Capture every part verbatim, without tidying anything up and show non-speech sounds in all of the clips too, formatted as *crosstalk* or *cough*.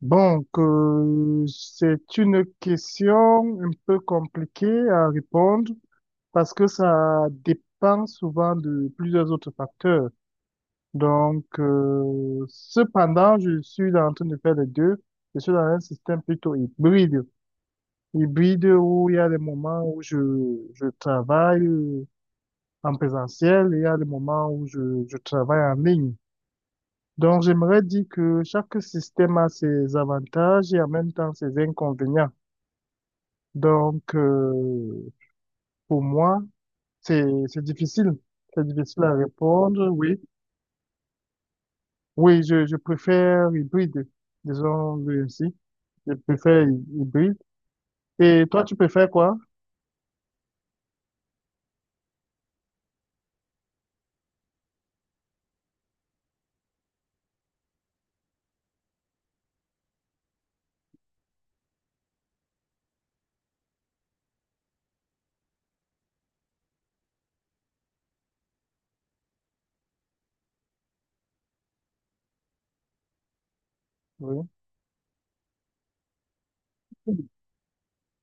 Donc, euh, c'est une question un peu compliquée à répondre parce que ça dépend souvent de plusieurs autres facteurs. Donc, euh, cependant, je suis en train de faire les deux. Je suis dans un système plutôt hybride. Hybride où il y a des moments où je, je travaille en présentiel et il y a des moments où je, je travaille en ligne. Donc, j'aimerais dire que chaque système a ses avantages et en même temps ses inconvénients. Donc, euh, pour moi, c'est, c'est difficile. C'est difficile à répondre, oui. Oui, je, je préfère hybride, disons-le ainsi. Je préfère hy- hybride. Et toi, tu préfères quoi? Oui.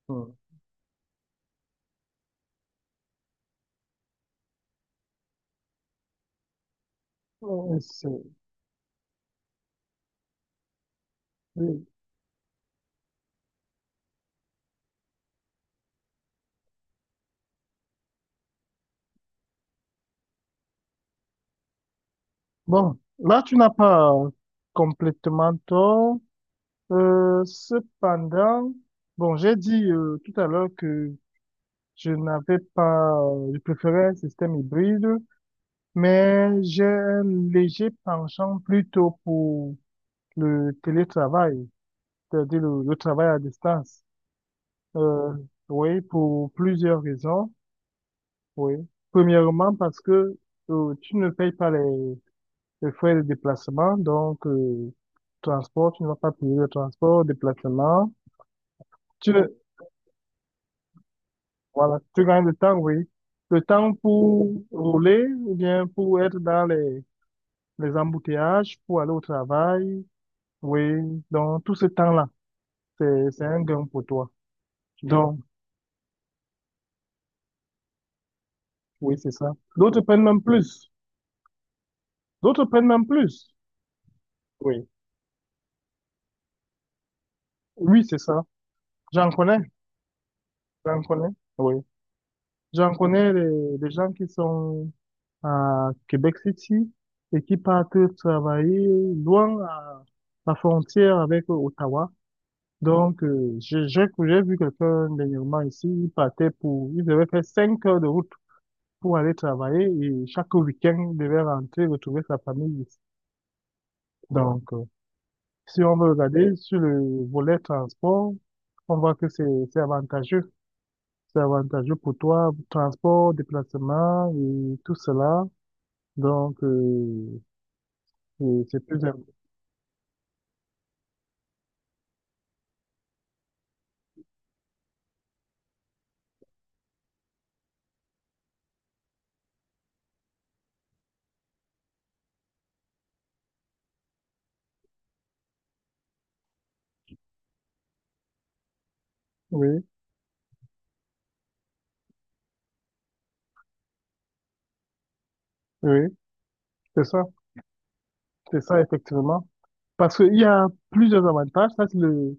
Hmm. Ouais, c'est- oui. Bon, là, tu n'as pas complètement tort. Euh, cependant, bon, j'ai dit euh, tout à l'heure que je n'avais pas, euh, je préférais un système hybride, mais j'ai un léger penchant plutôt pour le télétravail, c'est-à-dire le, le travail à distance. Euh, oui, pour plusieurs raisons. Oui. Premièrement, parce que euh, tu ne payes pas les, les frais de déplacement, donc euh, transport, tu ne vas pas payer le transport, déplacement. Tu, voilà, tu gagnes le temps, oui. Le temps pour rouler ou bien pour être dans les les embouteillages pour aller au travail. Oui, donc tout ce temps-là, c'est, c'est un gain pour toi. Donc, oui, c'est ça. D'autres prennent même plus. D'autres prennent même plus. Oui, oui, c'est ça. J'en connais, j'en connais. Oui, j'en connais des des gens qui sont à Québec City et qui partent travailler loin à la frontière avec Ottawa. Donc, euh, j'ai j'ai- j'ai vu quelqu'un dernièrement ici, il partait pour, il devait faire cinq heures de route pour aller travailler et chaque week-end, il devait rentrer, retrouver sa famille ici. Donc, euh, si on veut regarder sur le volet transport, on voit que c'est c'est avantageux. C'est avantageux pour toi, transport, déplacement et tout cela. Donc, euh, c'est c'est plus... Oui, oui, c'est ça. C'est ça, effectivement. Parce qu'il y a plusieurs avantages. Ça, c'est le...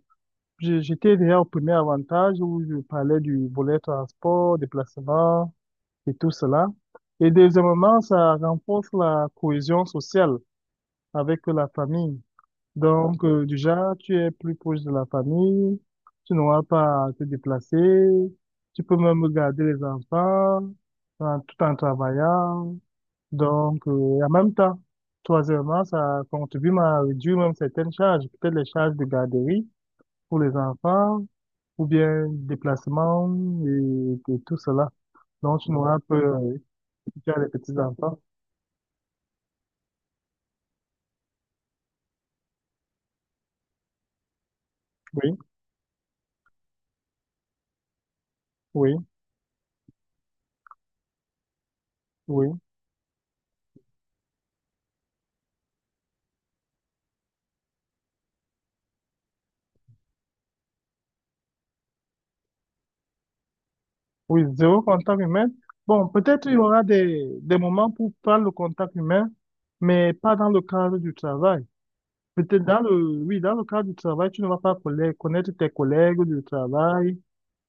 je- J'étais déjà au premier avantage où je parlais du volet transport, déplacement, et tout cela. Et deuxièmement, ça renforce la cohésion sociale avec la famille. Donc, euh, déjà, tu es plus proche de la famille, tu n'auras pas à te déplacer, tu peux même garder les enfants en- tout en travaillant. Donc, euh, et en même temps, troisièmement, ça contribue à réduire même certaines charges, peut-être les charges de garderie pour les enfants ou bien déplacement et, et tout cela. Donc, tu n'auras pas, euh, tu as les petits-enfants. Oui, oui, oui, oui, zéro contact humain. Bon, peut-être il y aura des, des moments pour faire le contact humain, mais pas dans le cadre du travail. Peut-être dans le, oui, dans le cadre du travail, tu ne vas pas colla- connaître tes collègues du travail,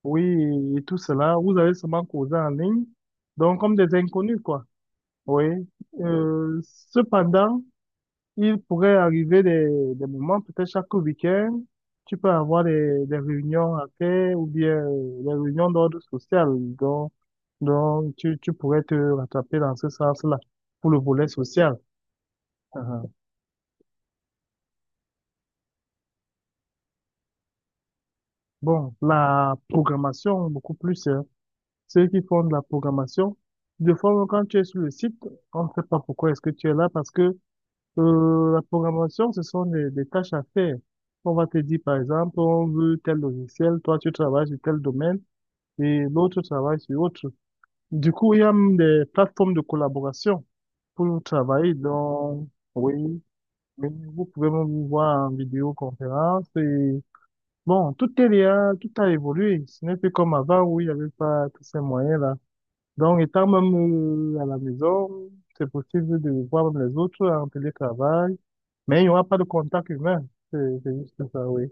oui, et tout cela. Vous allez seulement causer en ligne, donc comme des inconnus, quoi. Oui. Euh, cependant, il pourrait arriver des, des moments, peut-être chaque week-end, tu peux avoir des, des réunions à faire ou bien euh, des réunions d'ordre social. Donc, donc tu, tu pourrais te rattraper dans ce sens-là pour le volet social. uh Bon, la programmation, beaucoup plus, hein. Ceux qui font de la programmation, de fois, quand tu es sur le site, on ne sait pas pourquoi est-ce que tu es là parce que Euh, la programmation, ce sont des, des tâches à faire. On va te dire, par exemple, on veut tel logiciel, toi tu travailles sur tel domaine et l'autre travaille sur autre. Du coup, il y a même des plateformes de collaboration pour travailler. Donc, oui, oui, vous pouvez même voir en vidéoconférence et bon, tout est là, tout a évolué. Ce n'est plus comme avant où il n'y avait pas tous ces moyens-là. Donc, étant même euh, à la maison, c'est possible de voir même les autres en télétravail, mais il n'y aura pas de contact humain. C'est c'est juste ça, oui.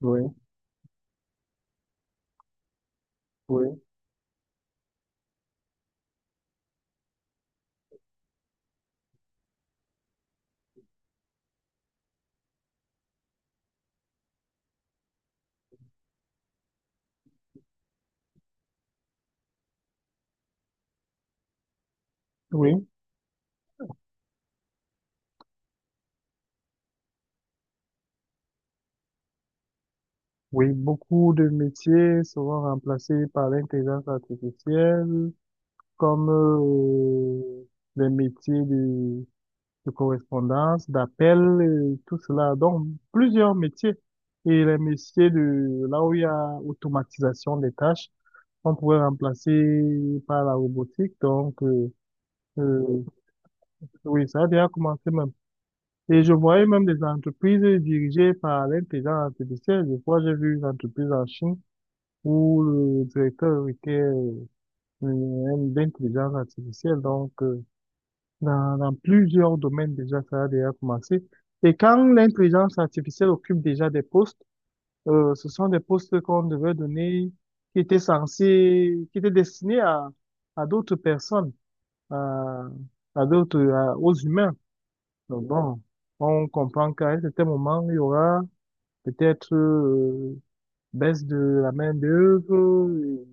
Oui, oui, oui. Oui, beaucoup de métiers seront remplacés par l'intelligence artificielle, comme euh, les métiers de, de correspondance, d'appel, euh, tout cela. Donc, plusieurs métiers. Et les métiers de là où il y a automatisation des tâches, on pourrait remplacer par la robotique. Donc, euh, euh, oui, ça a déjà commencé même. Et je voyais même des entreprises dirigées par l'intelligence artificielle. Je crois, j'ai vu une entreprise en Chine où le directeur était euh, un- d'intelligence artificielle. Donc, euh, dans, dans plusieurs domaines déjà, ça a déjà commencé. Et quand l'intelligence artificielle occupe déjà des postes, euh, ce sont des postes qu'on devait donner, qui étaient censés, qui étaient destinés à, à d'autres personnes. À, à d'autres, à- aux humains. Donc bon, on comprend qu'à un certain moment, il y aura peut-être euh, baisse de la main-d'œuvre. et-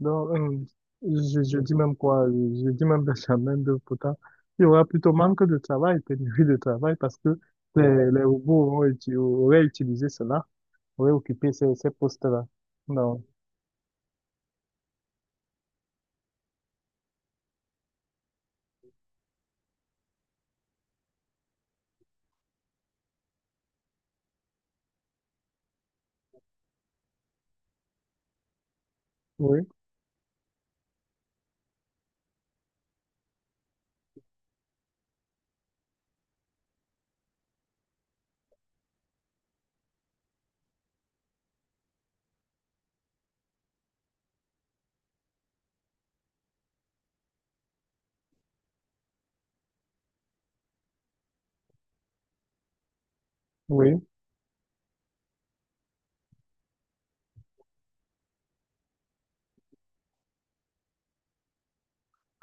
Non, hum, je, je dis même quoi, je dis même baisse de la main-d'œuvre pourtant. Il y aura plutôt manque de travail, pénurie de travail, parce que les, les robots auront uti- auraient utilisé cela, auraient occupé ces, ces postes-là. Non. Oui, oui,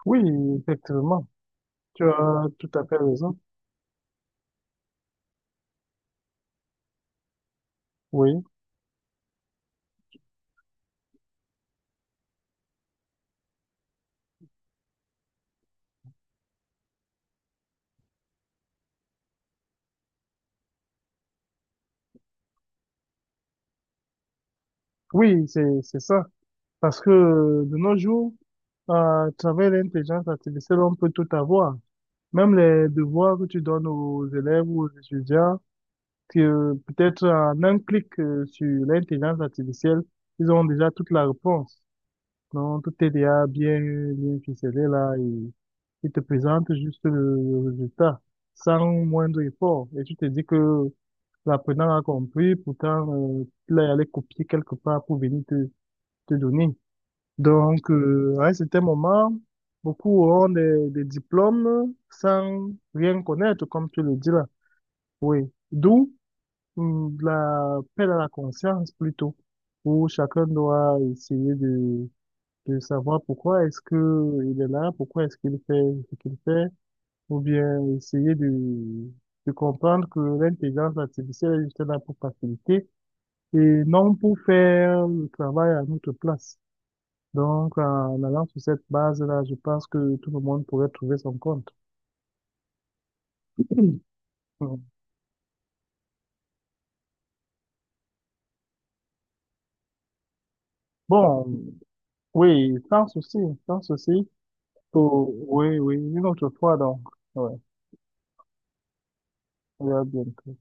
oui, effectivement. Tu as tout à fait raison. Oui, oui, c'est, c'est ça. Parce que euh, de nos jours, euh, à travers l'intelligence artificielle, on peut tout avoir. Même les devoirs que tu donnes aux élèves ou aux étudiants, que euh, peut-être en un clic euh, sur l'intelligence artificielle, ils ont déjà toute la réponse. Donc, tout est déjà bien, bien ficelé là. Et il te présente juste le, le résultat sans moindre effort. Et tu te dis que l'apprenant a compris, pourtant, euh, il est allé copier quelque part pour venir te, te donner. Donc, euh, à un certain moment, beaucoup auront des, des diplômes sans rien connaître, comme tu le dis là. D'où hum, la peine à la conscience plutôt, où chacun doit essayer de, de savoir pourquoi est-ce que il est là, pourquoi est-ce qu'il fait ce qu'il fait, ou bien essayer de, de comprendre que l'intelligence artificielle est juste là pour faciliter et non pour faire le travail à notre place. Donc, en allant sur cette base-là, je pense que tout le monde pourrait trouver son compte. *clears throat* Mm. Bon, oui, sans souci, sans souci. Pour- oui, oui, une autre fois, donc. Ouais, on verra bien.